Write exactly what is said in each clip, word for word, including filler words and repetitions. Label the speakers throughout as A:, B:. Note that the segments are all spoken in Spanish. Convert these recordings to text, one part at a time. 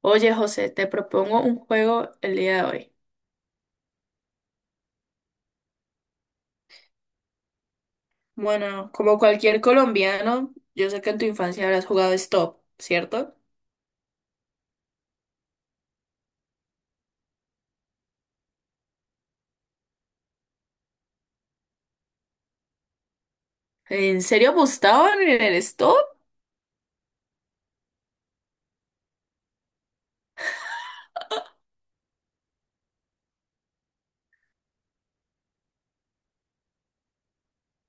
A: Oye, José, te propongo un juego el día de hoy. Bueno, como cualquier colombiano, yo sé que en tu infancia habrás jugado Stop, ¿cierto? ¿En serio apostaban en el stop?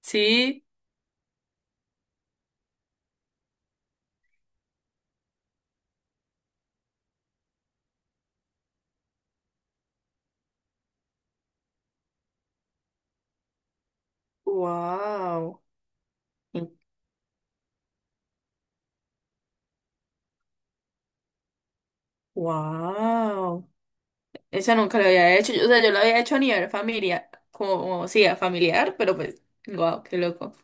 A: Sí. Wow, wow. Esa nunca la había hecho. Yo- O sea, yo la había hecho a nivel familiar, como, sí, a familiar, pero pues, wow, qué loco.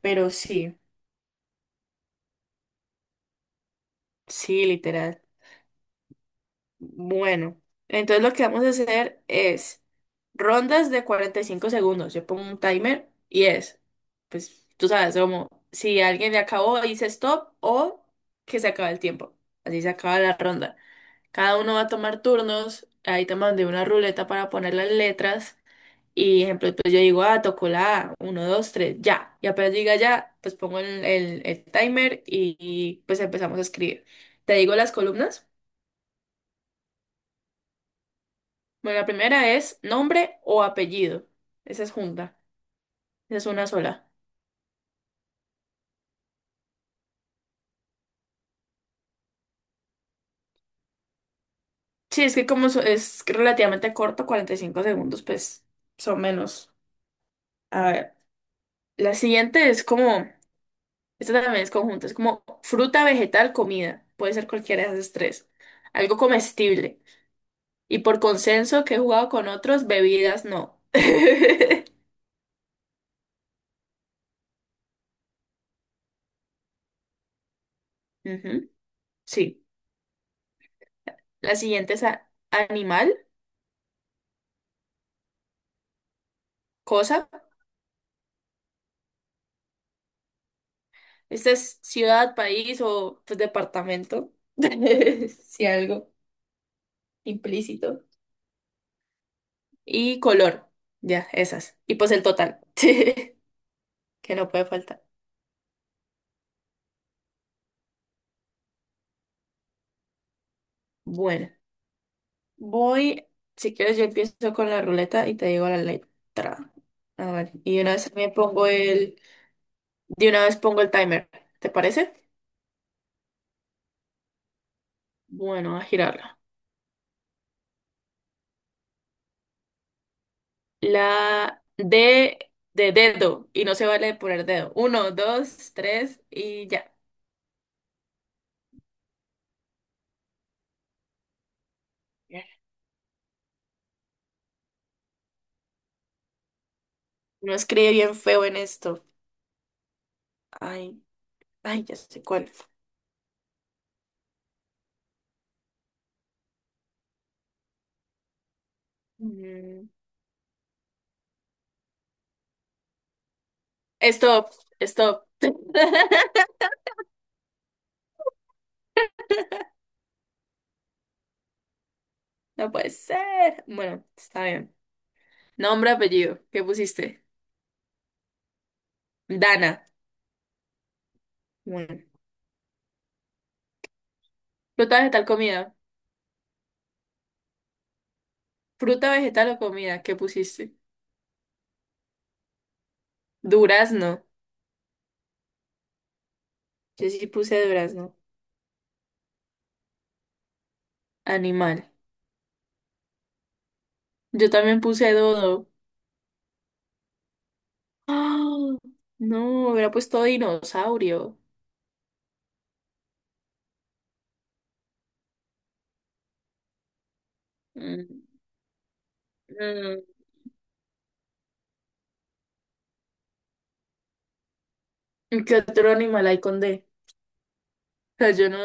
A: Pero sí, sí, literal. Bueno, entonces lo que vamos a hacer es rondas de cuarenta y cinco segundos. Yo pongo un timer y es, pues tú sabes, como si alguien le acabó, dice stop o que se acaba el tiempo. Así se acaba la ronda. Cada uno va a tomar turnos. Ahí te mandé una ruleta para poner las letras. Y ejemplo, pues yo digo, ah, tocó la A, uno, dos, tres, ya. Y apenas diga ya, pues pongo el, el- el timer y y, pues empezamos a escribir. Te digo las columnas. Bueno, la primera es nombre o apellido. Esa es junta. Esa es una sola. Sí, es que como so- es relativamente corto, cuarenta y cinco segundos, pues son menos. A ver, la siguiente es como, esta también es conjunta, es como fruta, vegetal, comida. Puede ser cualquiera de esas tres. Algo comestible. Y por consenso que he jugado con otros, bebidas no. Ujú, sí. La siguiente es a- animal, cosa. Esta es ciudad, país o pues, departamento, si algo implícito. Y color, ya, esas. Y pues el total, que no puede faltar. Bueno, voy, si quieres yo empiezo con la ruleta y te digo la letra. A ver, y de una vez me pongo el, de una vez pongo el timer, ¿te parece? Bueno, a girarla. La D de dedo, y no se vale poner dedo. Uno, dos, tres y ya. Uno escribe bien feo en esto. Ay, ay, ya sé cuál. Mm, Stop, stop. No puede ser. Bueno, está bien. Nombre, apellido. ¿Qué pusiste? Dana. Bueno. Fruta, vegetal, comida. Fruta, vegetal o comida. ¿Qué pusiste? Durazno. Yo sí puse durazno. Animal. Yo también puse dodo. ¡Ah! No, hubiera puesto dinosaurio. Mm, mm. ¿Qué otro animal hay con D? O sea, yo no.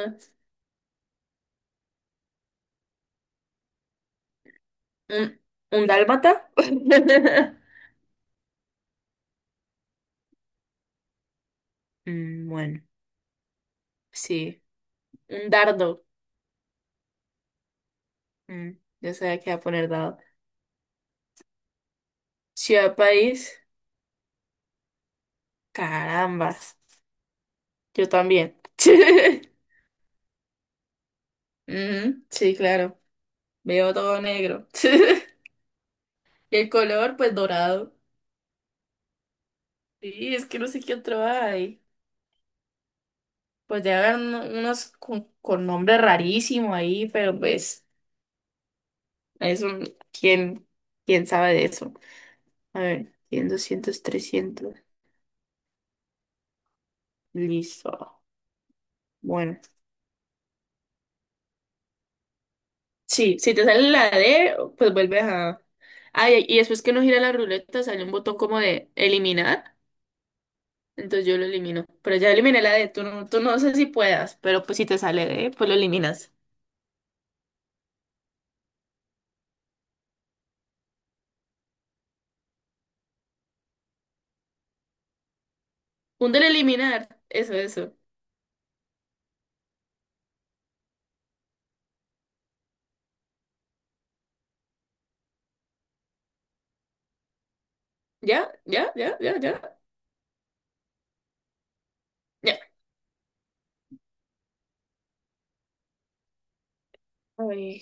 A: ¿Un, un dálmata? Mm, bueno, sí. Un dardo. Mm, yo sabía que iba a poner dado. Ciudad, país. Carambas. Yo también. Mm, sí, claro. Veo todo negro. Y el color, pues dorado. Sí, es que no sé qué otro hay. Pues ya hagan unos con, con nombre rarísimo ahí, pero pues, eso, ¿quién, ¿quién sabe de eso? A ver, cien, doscientos trescientos. Listo. Bueno, sí, si te sale la D, pues vuelves a... Ay, y y después que no gira la ruleta sale un botón como de eliminar, entonces yo lo elimino. Pero ya eliminé la D, tú no, tú no sé si puedas, pero pues si te sale D, pues lo eliminas. Un del eliminar, eso, eso. ¿Ya? ¿Ya? ¿Ya? ¿Ya? ¿Ya? ¿Ya? Ay,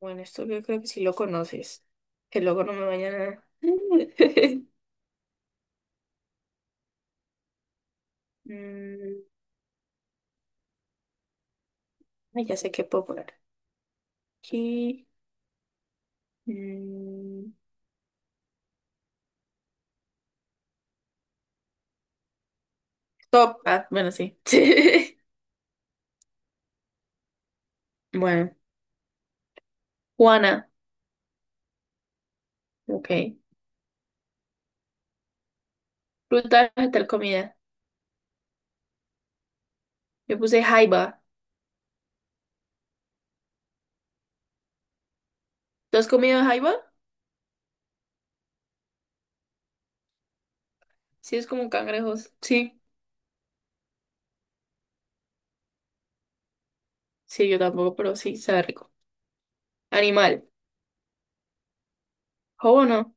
A: bueno, esto yo creo que sí lo conoces. Que luego no me vayan a... Mm, ay, ya sé qué puedo poner. Aquí... mm, Stop. Ah, bueno, sí. Bueno, Juana, ok. Fruta, vegetal, comida. Yo puse jaiba. ¿Tú has comido jaiba? Sí, es como cangrejos. Sí, sí, yo tampoco, pero sí, sabe rico. Animal, ¿jobo no?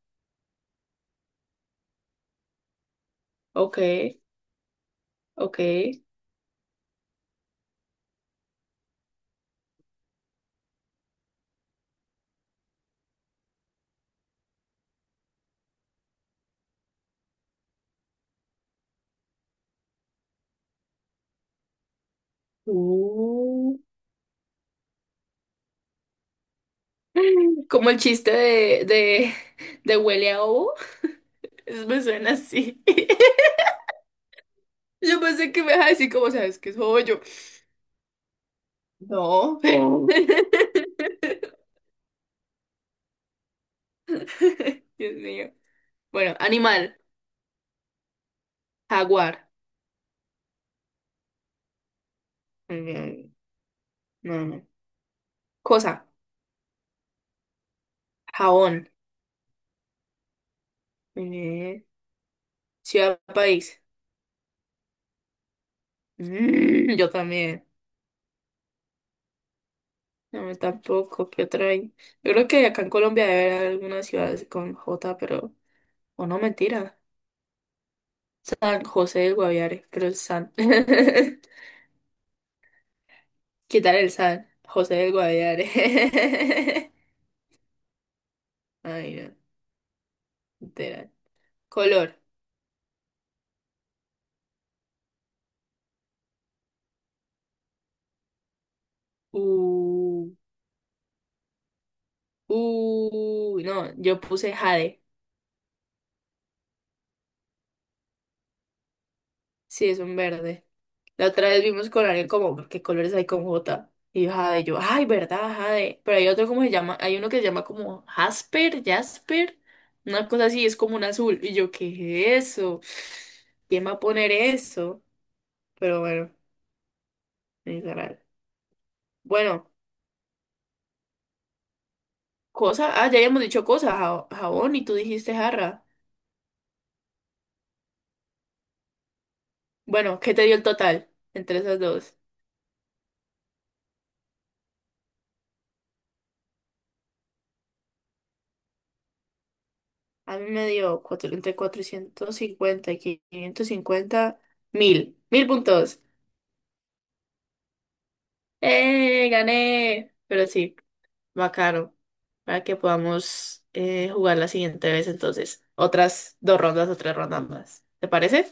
A: Ok, ok. Uh. Como el chiste de, de, de huele a ovo. Eso me suena así. Yo pensé que me ibas a decir, como sabes que es jobo? Yo, no. Dios mío. Bueno, animal, jaguar. No, no. Cosa. Jabón. Eh, ciudad, país. Mm, yo también. No, yo tampoco. ¿Qué otra hay? Yo creo que acá en Colombia debe haber algunas ciudades con J, pero... O no, mentira. San José del Guaviare. Pero es San. Quitar el San. José del Guaviare. Ay, no. Literal. Color. Uh, uh, no, yo puse jade. Sí, es un verde. La otra vez vimos con alguien como, ¿qué colores hay con J? Y yo, Jade, yo, ay, ¿verdad, Jade? Pero hay otro cómo se llama, hay uno que se llama como Jasper, Jasper, una cosa así, es como un azul. Y yo, ¿qué es eso? ¿Quién va a poner eso? Pero bueno, es raro. Bueno, cosa, ah, ya habíamos dicho cosa, ja- jabón, y tú dijiste jarra. Bueno, ¿qué te dio el total entre esas dos? A mí me dio cuatro, entre cuatrocientos cincuenta y quinientos cincuenta mil, mil puntos. ¡Eh! ¡Gané! Pero sí, bacano. Para que podamos eh, jugar la siguiente vez, entonces. Otras dos rondas o tres rondas más. ¿Te parece?